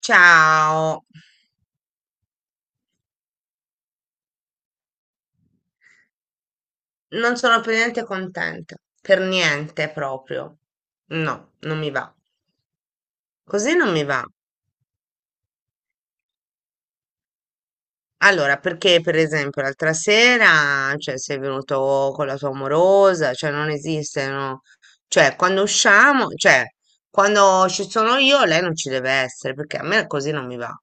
Ciao, non sono per niente contenta, per niente proprio. No, non mi va. Così non mi va. Allora, perché per esempio l'altra sera, cioè, sei venuto con la tua amorosa, cioè non esiste, no? Cioè, quando usciamo, cioè, quando ci sono io, lei non ci deve essere, perché a me così non mi va. Ho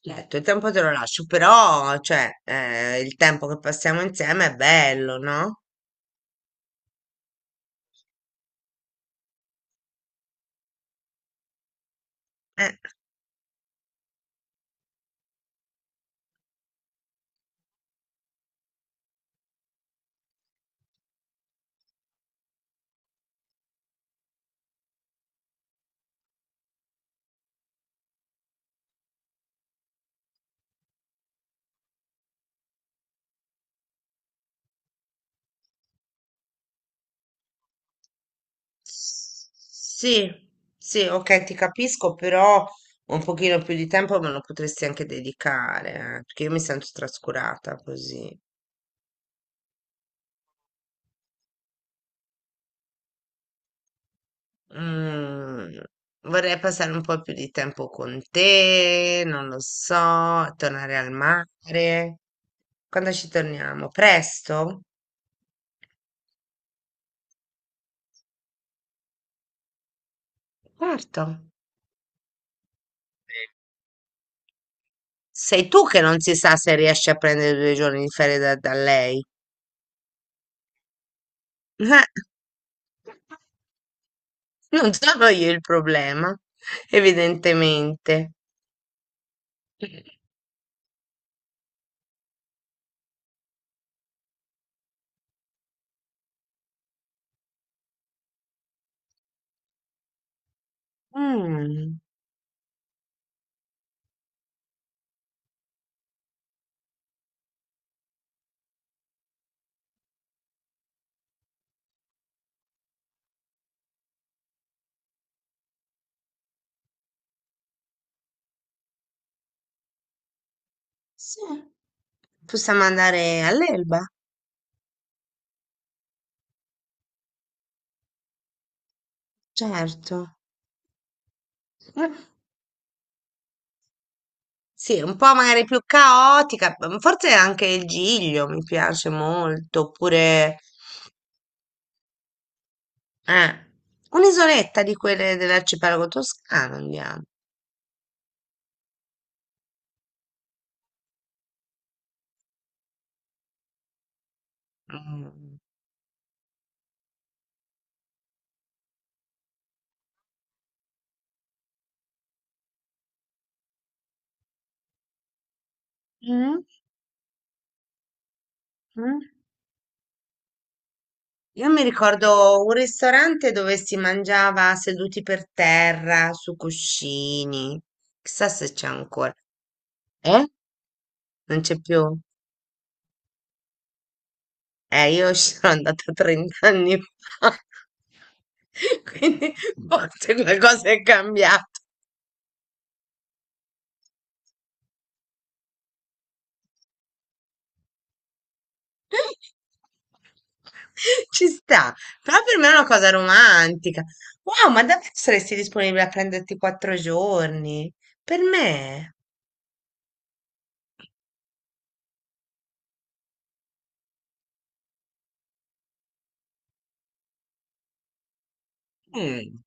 detto, il tempo te lo lascio, però, cioè, il tempo che passiamo insieme è bello, no? Eh. Sì, sì, ok, ti capisco, però un pochino più di tempo me lo potresti anche dedicare, perché io mi sento trascurata così. Mm, Vorrei passare un po' più di tempo con te, non lo so, tornare al mare. Quando ci torniamo? Presto? Certo. Sei tu che non si sa se riesci a prendere due giorni di ferie da lei. Non sono io il problema, evidentemente. Mm, sì, possiamo andare all'Elba, certo. Eh, sì, un po' magari più caotica, forse anche il Giglio mi piace molto, oppure eh, un'isoletta di quelle dell'arcipelago toscano andiamo. Mm. Mm, mm. Io mi ricordo un ristorante dove si mangiava seduti per terra su cuscini, chissà se c'è ancora. Eh? Non c'è più? Io ci sono andata 30 anni fa, quindi forse qualcosa è cambiato. Ci sta, però per me è una cosa romantica. Wow, ma davvero saresti disponibile a prenderti quattro giorni? Per me? Mm.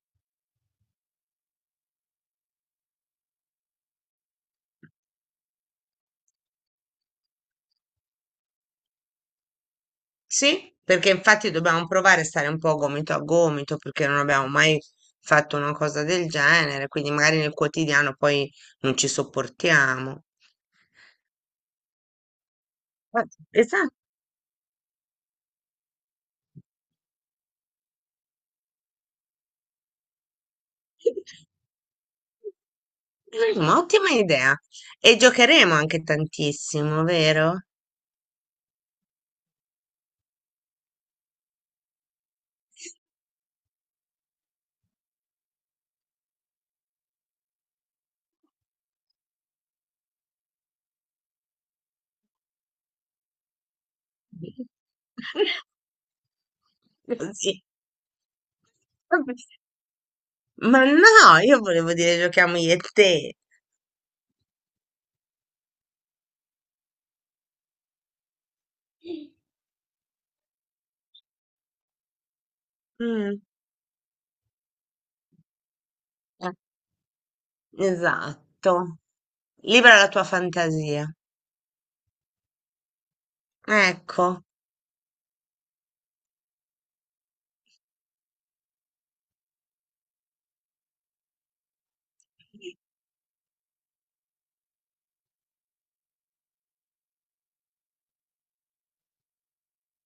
Sì, perché infatti dobbiamo provare a stare un po' gomito a gomito, perché non abbiamo mai fatto una cosa del genere, quindi magari nel quotidiano poi non ci sopportiamo. Eh, Esatto. Mm, ottima idea. E giocheremo anche tantissimo, vero? Così. Ma no, io volevo dire giochiamo io e te. Mm, eh, esatto. Libera la tua fantasia. Ecco.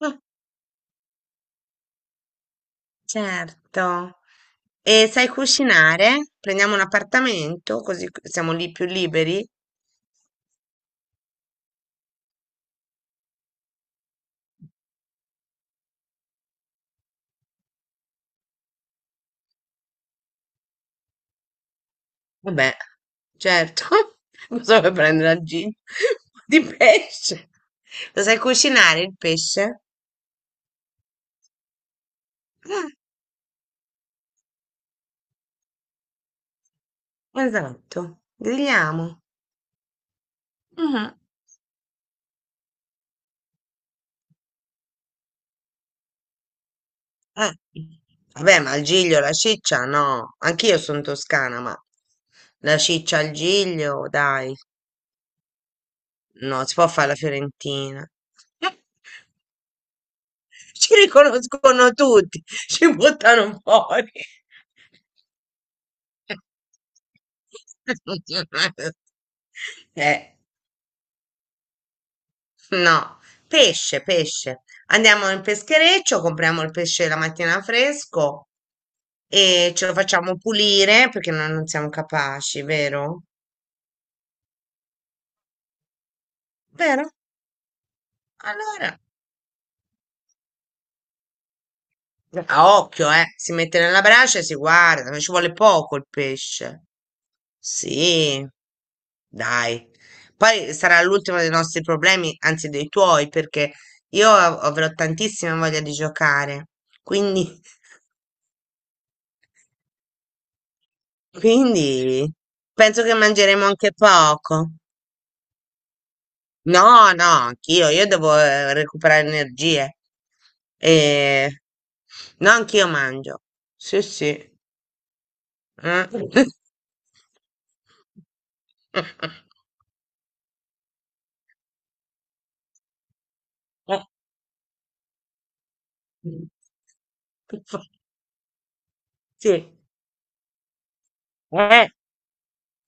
Ah, certo. E sai cucinare? Prendiamo un appartamento così siamo lì più liberi. Vabbè, certo, cosa vuoi prendere al gin? Di pesce. Lo sai cucinare il pesce? Esatto, grigliamo. Mhm. Eh, vabbè, ma il giglio, la ciccia, no. Anch'io sono toscana, ma la ciccia al giglio, dai. No, si può fare la fiorentina. Ci riconoscono tutti, ci buttano fuori. Eh. No, pesce, pesce. Andiamo in peschereccio, compriamo il pesce la mattina fresco e ce lo facciamo pulire perché noi non siamo capaci, vero? Vero? Allora, a occhio, si mette nella brace e si guarda, ma ci vuole poco il pesce. Sì, dai. Poi sarà l'ultimo dei nostri problemi, anzi dei tuoi, perché io avrò tantissima voglia di giocare. Quindi Quindi penso che mangeremo anche poco. No, no, anch'io, io devo recuperare energie. E... No, anch'io mangio. Sì, sì. Eh. Sì. Eh,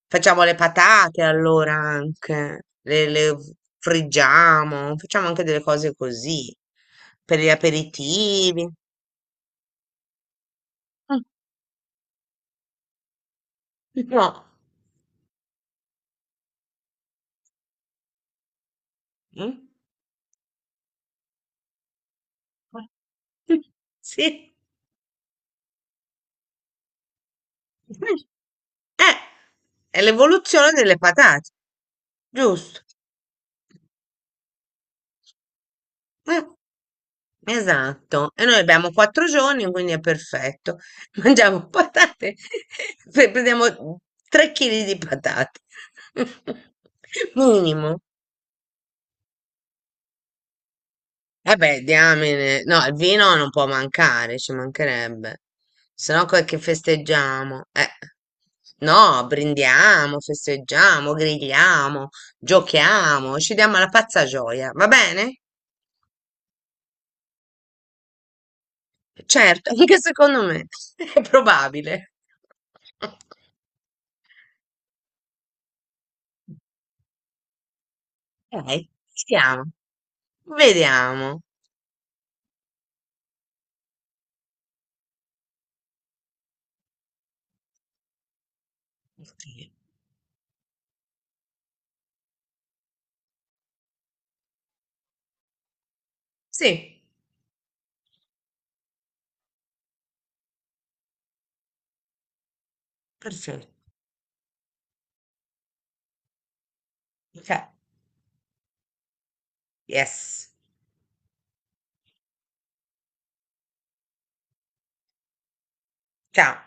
facciamo le patate allora anche, le friggiamo, facciamo anche delle cose così per gli aperitivi. Mm, no. Mm? Sì. Eh, è l'evoluzione delle patate, giusto? Eh, esatto. E noi abbiamo quattro giorni, quindi è perfetto. Mangiamo patate, prendiamo 3 kg di patate. Minimo. Vabbè, diamine. No, il vino non può mancare, ci mancherebbe. Se no, che festeggiamo? No, brindiamo, festeggiamo, grigliamo, giochiamo, ci diamo la pazza gioia, va bene? Certo, anche secondo me è probabile. Ok, stiamo, vediamo. Sì, perfetto. Ok, yes, ciao.